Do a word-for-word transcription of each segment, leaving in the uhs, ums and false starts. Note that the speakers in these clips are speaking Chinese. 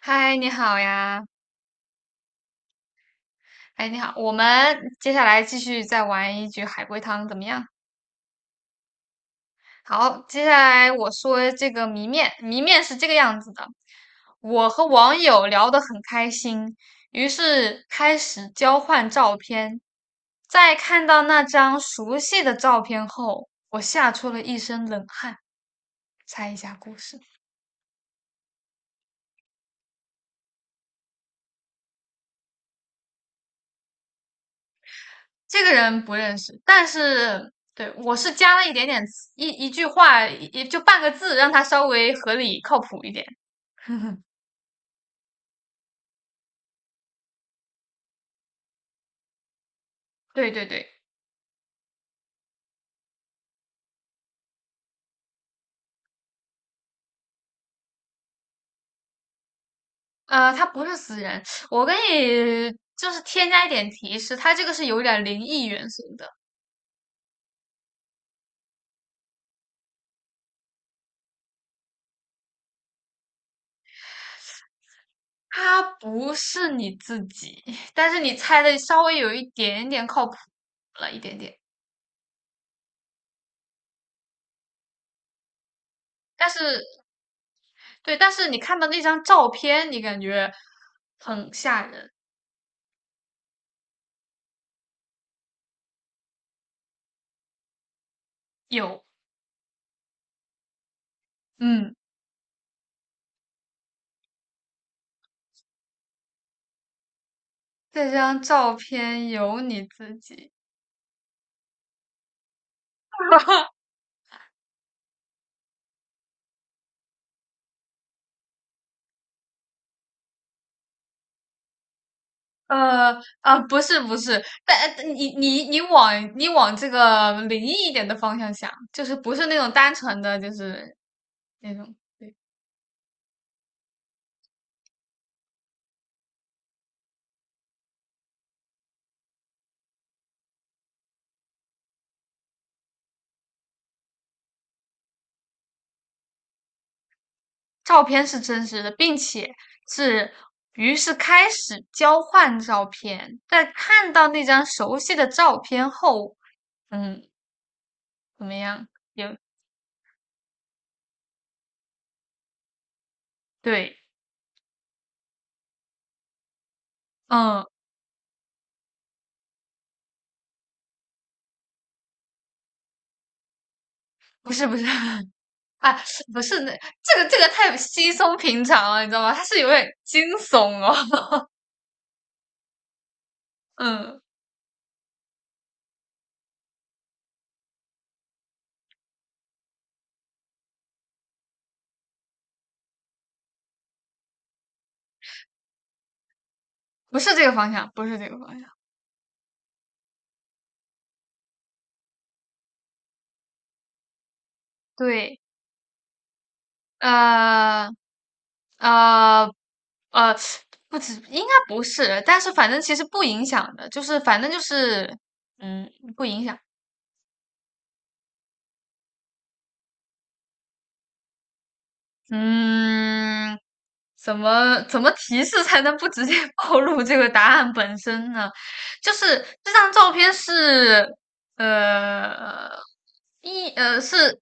嗨，你好呀！哎，你好，我们接下来继续再玩一局海龟汤，怎么样？好，接下来我说这个谜面，谜面是这个样子的：我和网友聊得很开心，于是开始交换照片。在看到那张熟悉的照片后，我吓出了一身冷汗。猜一下故事。这个人不认识，但是对我是加了一点点词一一句话，也就半个字，让他稍微合理靠谱一点。对对对，呃，他不是死人，我给你就是添加一点提示，他这个是有点灵异元素的，他不是你自己，但是你猜的稍微有一点点靠谱了一点点，但是对，但是你看到那张照片，你感觉很吓人，有，嗯。这张照片有你自己，呃啊，不是不是，但你你你往你往这个灵异一点的方向想，就是不是那种单纯的，就是那种对，照片是真实的，并且是于是开始交换照片，在看到那张熟悉的照片后，嗯，怎么样？有对，嗯，不是不是。啊，不是那这个这个太稀松平常了，你知道吗？它是有点惊悚哦，嗯，不是这个方向，不是这个方向，对，呃呃呃，不止，应该不是，但是反正其实不影响的，就是反正就是，嗯，不影响，嗯，怎么怎么提示才能不直接 暴露这个答案本身呢？就是这张照片是，呃，一呃是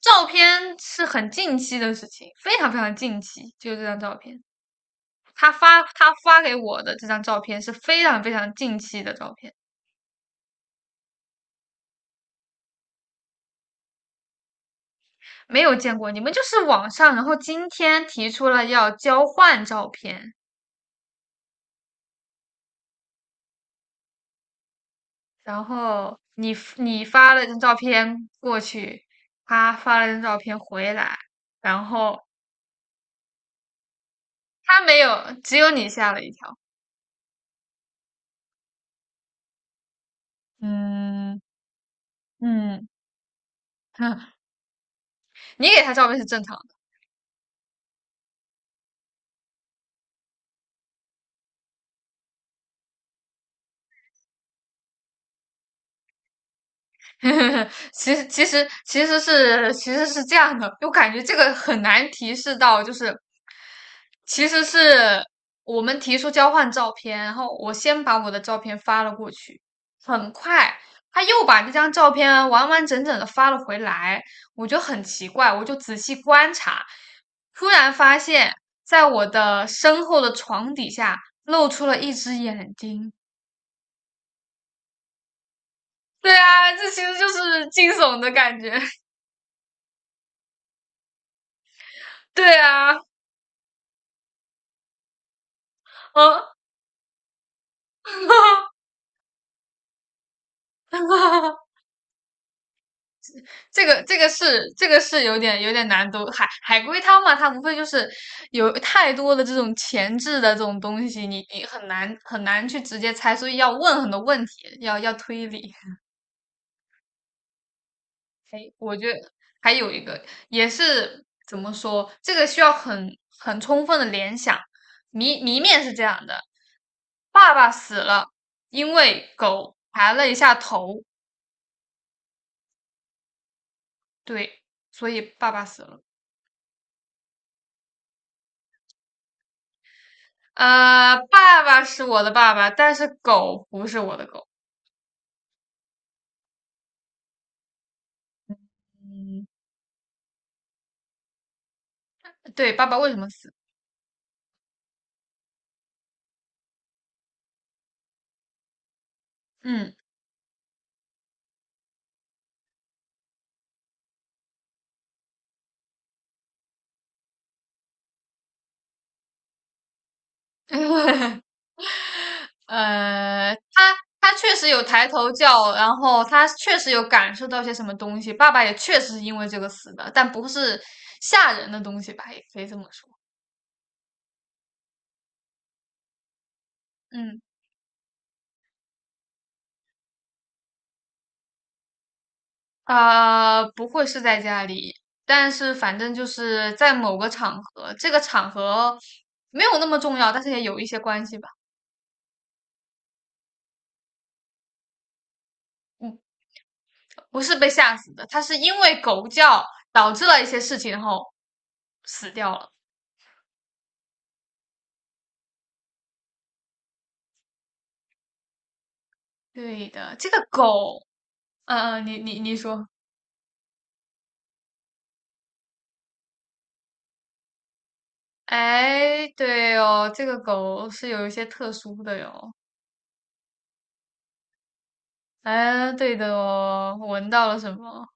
照片是很近期的事情，非常非常近期，就这张照片。他发他发给我的这张照片是非常非常近期的照片，没有见过。你们就是网上，然后今天提出了要交换照片，然后你你发了张照片过去，他发了张照片回来，然后他没有，只有你吓了一跳。嗯嗯，你给他照片是正常 其实其实其实是其实是这样的，我感觉这个很难提示到，就是其实是我们提出交换照片，然后我先把我的照片发了过去，很快他又把那张照片完完整整的发了回来，我就很奇怪，我就仔细观察，突然发现，在我的身后的床底下露出了一只眼睛。对啊，这其实就是惊悚的感觉。对啊。哦，这个这个是这个是有点有点难度。海海龟汤嘛，它无非就是有太多的这种前置的这种东西，你你很难很难去直接猜，所以要问很多问题，要要推理。哎，我觉得还有一个也是怎么说，这个需要很很充分的联想。谜谜面是这样的：爸爸死了，因为狗抬了一下头，对，所以爸爸死了。呃，爸爸是我的爸爸，但是狗不是我的狗。嗯，对，爸爸为什么死？嗯，呃，他他确实有抬头叫，然后他确实有感受到些什么东西。爸爸也确实是因为这个死的，但不是吓人的东西吧，也可以这么说。嗯，啊，不会是在家里，但是反正就是在某个场合，这个场合没有那么重要，但是也有一些关系吧。嗯，不是被吓死的，他是因为狗叫导致了一些事情，然后死掉了。对的，这个狗，嗯、嗯，你你你说，哎，对哦，这个狗是有一些特殊的哟。哎，对的哦，闻到了什么？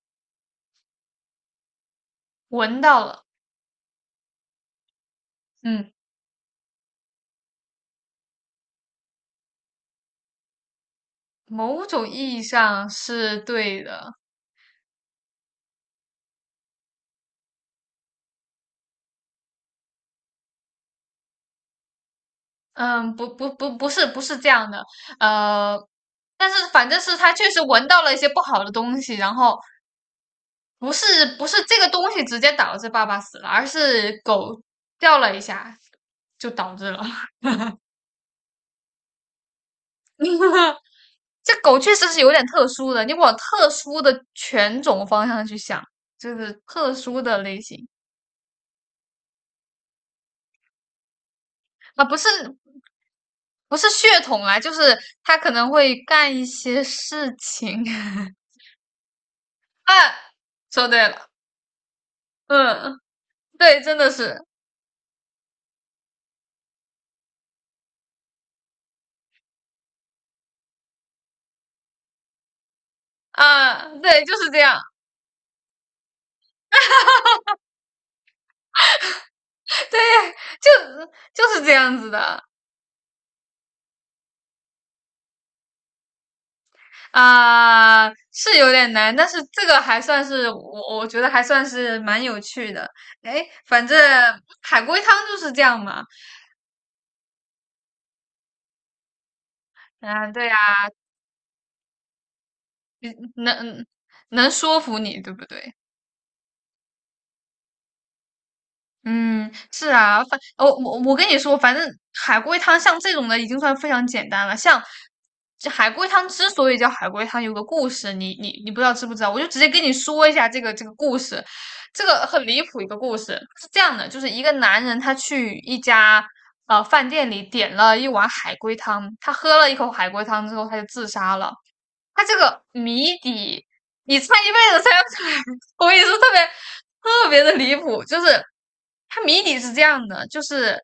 闻到了，嗯，某种意义上是对的。嗯，不不不，不是不是这样的，呃，但是反正是他确实闻到了一些不好的东西，然后不是不是这个东西直接导致爸爸死了，而是狗掉了一下就导致了。这狗确实是有点特殊的，你往特殊的犬种方向去想，就是特殊的类型啊，不是不是血统啊，就是它可能会干一些事情。啊，说对了，嗯，对，真的是啊，对，就是这样，对，就就是这样子的。啊，是有点难，但是这个还算是我，我觉得还算是蛮有趣的。哎，反正海龟汤就是这样嘛。啊，对呀，能能说服你，对不对？嗯，是啊，反我我我跟你说，反正海龟汤像这种的已经算非常简单了。像这海龟汤之所以叫海龟汤，有个故事，你你你不知道知不知道？我就直接跟你说一下这个这个故事，这个很离谱一个故事，是这样的，就是一个男人他去一家呃饭店里点了一碗海龟汤，他喝了一口海龟汤之后他就自杀了。他这个谜底你猜一辈子猜不出来，我跟你说特别特别的离谱，就是他谜底是这样的，就是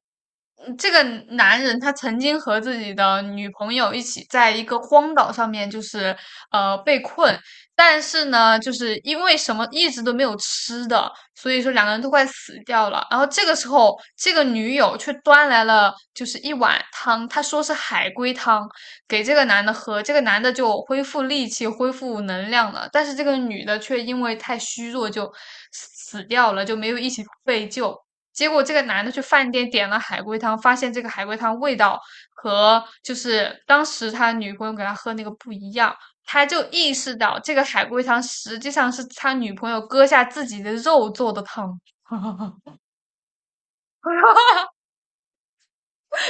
嗯这个男人他曾经和自己的女朋友一起在一个荒岛上面，就是呃被困，但是呢，就是因为什么一直都没有吃的，所以说两个人都快死掉了。然后这个时候，这个女友却端来了就是一碗汤，她说是海龟汤，给这个男的喝，这个男的就恢复力气、恢复能量了。但是这个女的却因为太虚弱就死掉了，就没有一起被救。结果这个男的去饭店点了海龟汤，发现这个海龟汤味道和就是当时他女朋友给他喝那个不一样，他就意识到这个海龟汤实际上是他女朋友割下自己的肉做的汤，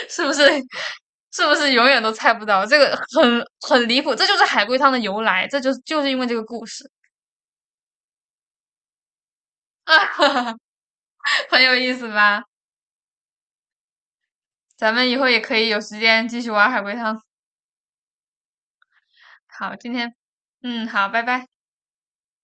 是不是？是不是永远都猜不到？这个很很离谱，这就是海龟汤的由来，这就就是因为这个故事，很有意思吧？咱们以后也可以有时间继续玩海龟汤。好，今天，嗯，好，拜拜。